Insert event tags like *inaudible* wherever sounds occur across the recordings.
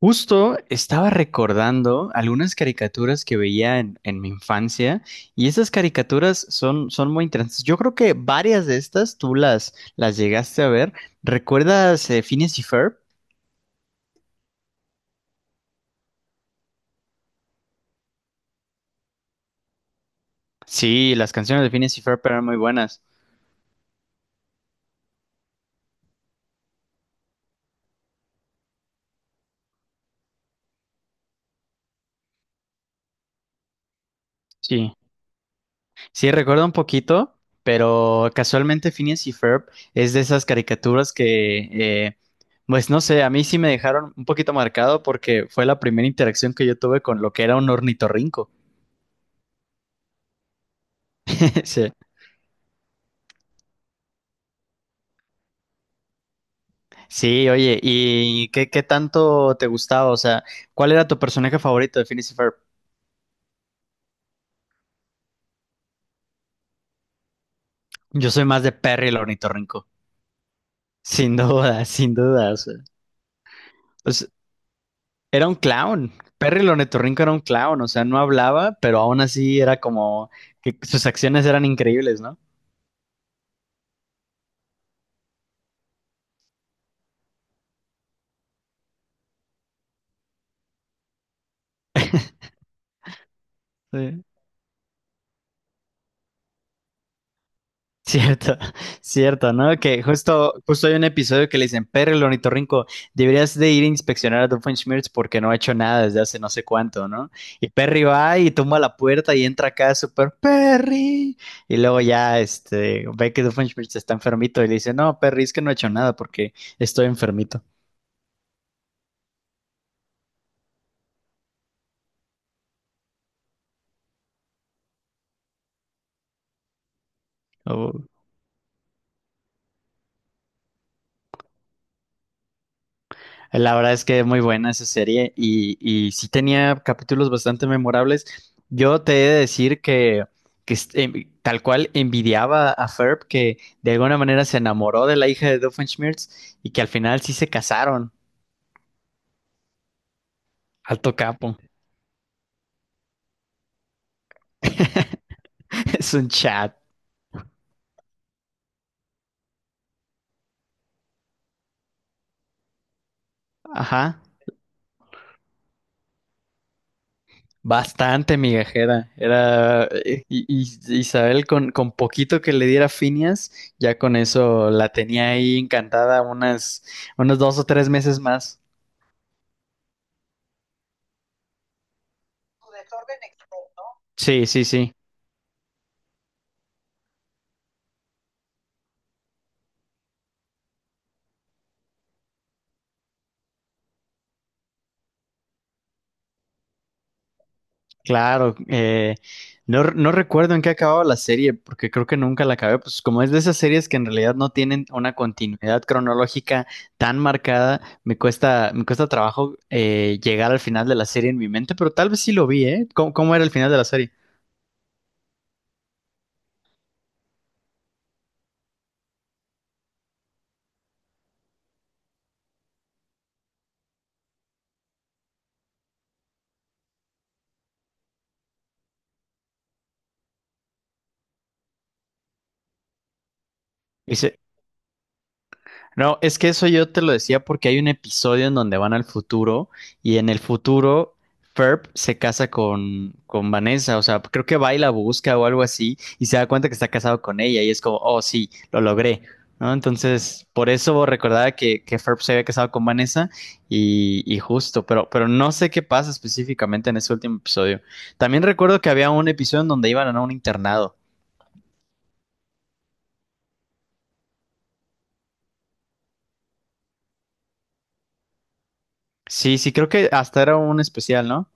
Justo estaba recordando algunas caricaturas que veía en mi infancia y esas caricaturas son muy interesantes. Yo creo que varias de estas tú las llegaste a ver. ¿Recuerdas Phineas y Ferb? Sí, las canciones de Phineas y Ferb eran muy buenas. Sí, sí, recuerdo un poquito, pero casualmente Phineas y Ferb es de esas caricaturas que, pues no sé, a mí sí me dejaron un poquito marcado porque fue la primera interacción que yo tuve con lo que era un ornitorrinco. *laughs* Sí. Sí, oye, ¿y qué tanto te gustaba? O sea, ¿cuál era tu personaje favorito de Phineas y Ferb? Yo soy más de Perry el ornitorrinco. Sin duda, *laughs* sin duda. O sea, pues, era un clown. Perry el ornitorrinco era un clown. O sea, no hablaba, pero aún así era como que sus acciones eran increíbles, ¿no? Sí. Cierto, *laughs* cierto, ¿no? Que justo hay un episodio que le dicen, Perry el ornitorrinco, deberías de ir a inspeccionar a Doofenshmirtz porque no ha hecho nada desde hace no sé cuánto, ¿no? Y Perry va y toma la puerta y entra acá súper Perry. Y luego ya este, ve que Doofenshmirtz está enfermito y le dice, no, Perry, es que no he hecho nada porque estoy enfermito. Oh. La verdad es que es muy buena esa serie y sí tenía capítulos bastante memorables. Yo te he de decir que tal cual envidiaba a Ferb que de alguna manera se enamoró de la hija de Doofenshmirtz y que al final sí se casaron. *laughs* Alto capo. Es un chat. Ajá. Bastante migajera. Era Isabel con poquito que le diera Finias, ya con eso la tenía ahí encantada unas, unos dos o tres meses más. Sí, sí, sí. Claro, no, no recuerdo en qué acababa la serie, porque creo que nunca la acabé. Pues como es de esas series que en realidad no tienen una continuidad cronológica tan marcada, me cuesta trabajo llegar al final de la serie en mi mente, pero tal vez sí lo vi, ¿eh? ¿Cómo, cómo era el final de la serie? No, es que eso yo te lo decía porque hay un episodio en donde van al futuro y en el futuro Ferb se casa con Vanessa, o sea, creo que va y la busca o algo así y se da cuenta que está casado con ella y es como, oh sí, lo logré, ¿no? Entonces, por eso recordaba que Ferb se había casado con Vanessa y justo, pero no sé qué pasa específicamente en ese último episodio. También recuerdo que había un episodio en donde iban a un internado. Sí, sí, creo que hasta era un especial, ¿no?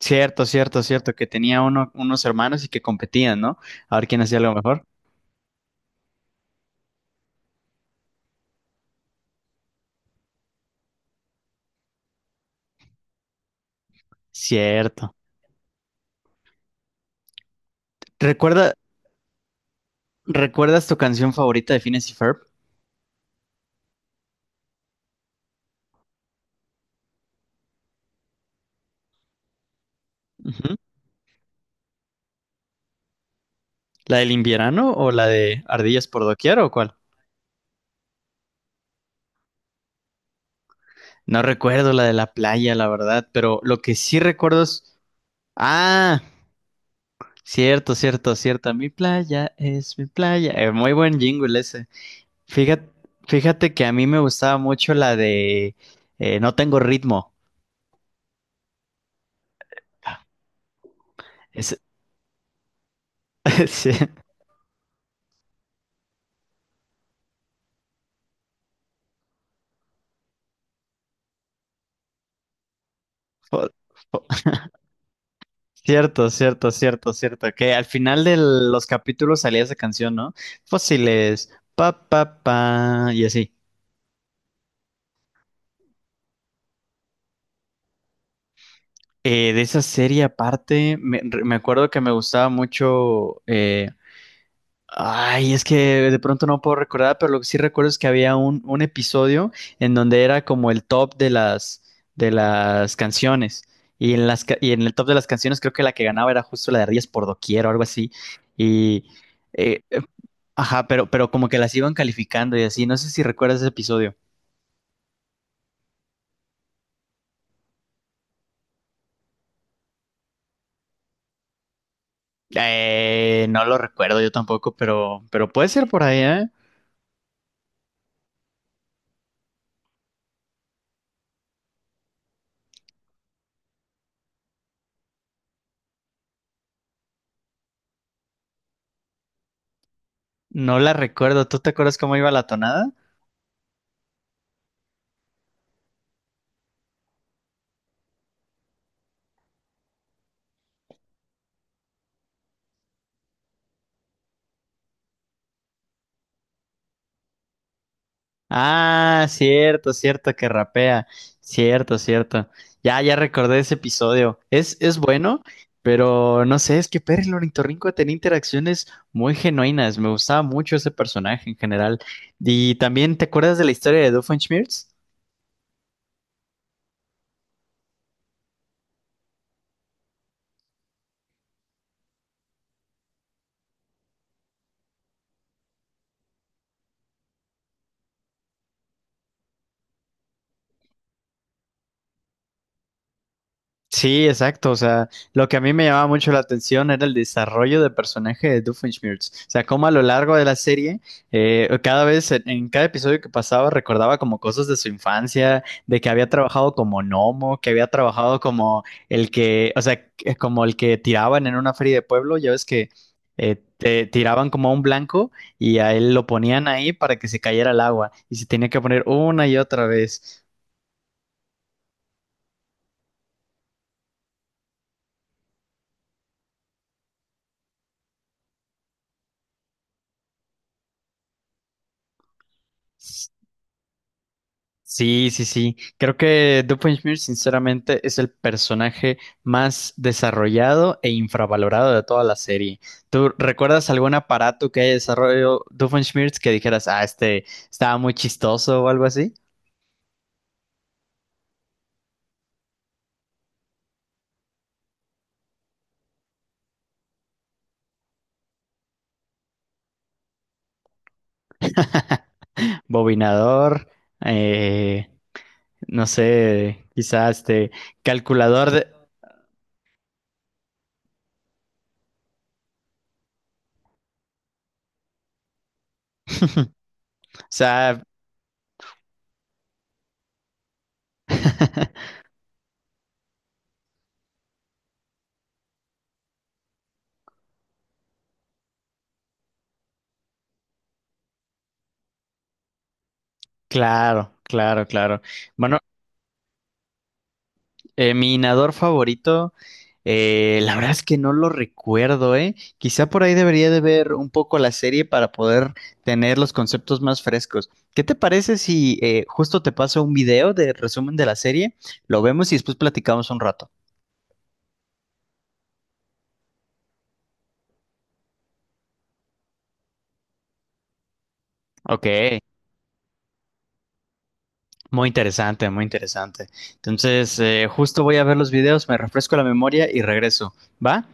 Cierto, cierto, cierto, que tenía uno, unos hermanos y que competían, ¿no? A ver quién hacía lo mejor. Cierto. ¿Recuerda, recuerdas tu canción favorita de Phineas y Ferb? Ujú. ¿La del invierno o la de Ardillas por doquier o cuál? No recuerdo la de la playa, la verdad, pero lo que sí recuerdo es... Ah, cierto, cierto, cierto. Mi playa es mi playa. Muy buen jingle ese. Fíjate, fíjate que a mí me gustaba mucho la de No tengo ritmo. Es- *laughs* sí. Po- po- Cierto, cierto, cierto, cierto. Que al final de los capítulos salía esa canción, ¿no? Fósiles, pa, pa, pa, y así. De esa serie aparte, me acuerdo que me gustaba mucho. Ay, es que de pronto no puedo recordar, pero lo que sí recuerdo es que había un episodio en donde era como el top de de las canciones. Y en y en el top de las canciones, creo que la que ganaba era justo la de Rías por Doquier o algo así. Y. eh, Ajá, pero como que las iban calificando y así. No sé si recuerdas ese episodio. No lo recuerdo yo tampoco, pero puede ser por ahí, ¿eh? No la recuerdo. ¿Tú te acuerdas cómo iba la tonada? Ah, cierto, cierto, que rapea. Cierto, cierto. Ya recordé ese episodio. Es bueno, pero no sé, es que Perry el Ornitorrinco tenía interacciones muy genuinas. Me gustaba mucho ese personaje en general. Y también, ¿te acuerdas de la historia de Doofenshmirtz? Sí, exacto. O sea, lo que a mí me llamaba mucho la atención era el desarrollo de personaje de Doofenshmirtz. O sea, cómo a lo largo de la serie, cada vez, en cada episodio que pasaba, recordaba como cosas de su infancia, de que había trabajado como gnomo, que había trabajado como el que, o sea, como el que tiraban en una feria de pueblo. Ya ves que te tiraban como a un blanco y a él lo ponían ahí para que se cayera al agua y se tenía que poner una y otra vez. Sí, sí, sí. Creo que Doofenshmirtz, sinceramente, es el personaje más desarrollado e infravalorado de toda la serie. ¿Tú recuerdas algún aparato que haya desarrollado Doofenshmirtz que dijeras, ah, este estaba muy chistoso o algo así? *laughs* Bobinador, eh, no sé, quizás este calculador de... *laughs* O sea, *laughs* claro, claro, claro. Bueno. Mi inador favorito, la verdad es que no lo recuerdo, ¿eh? Quizá por ahí debería de ver un poco la serie para poder tener los conceptos más frescos. ¿Qué te parece si justo te paso un video de resumen de la serie? Lo vemos y después platicamos un rato. Ok, muy interesante, muy interesante. Entonces, justo voy a ver los videos, me refresco la memoria y regreso. ¿Va?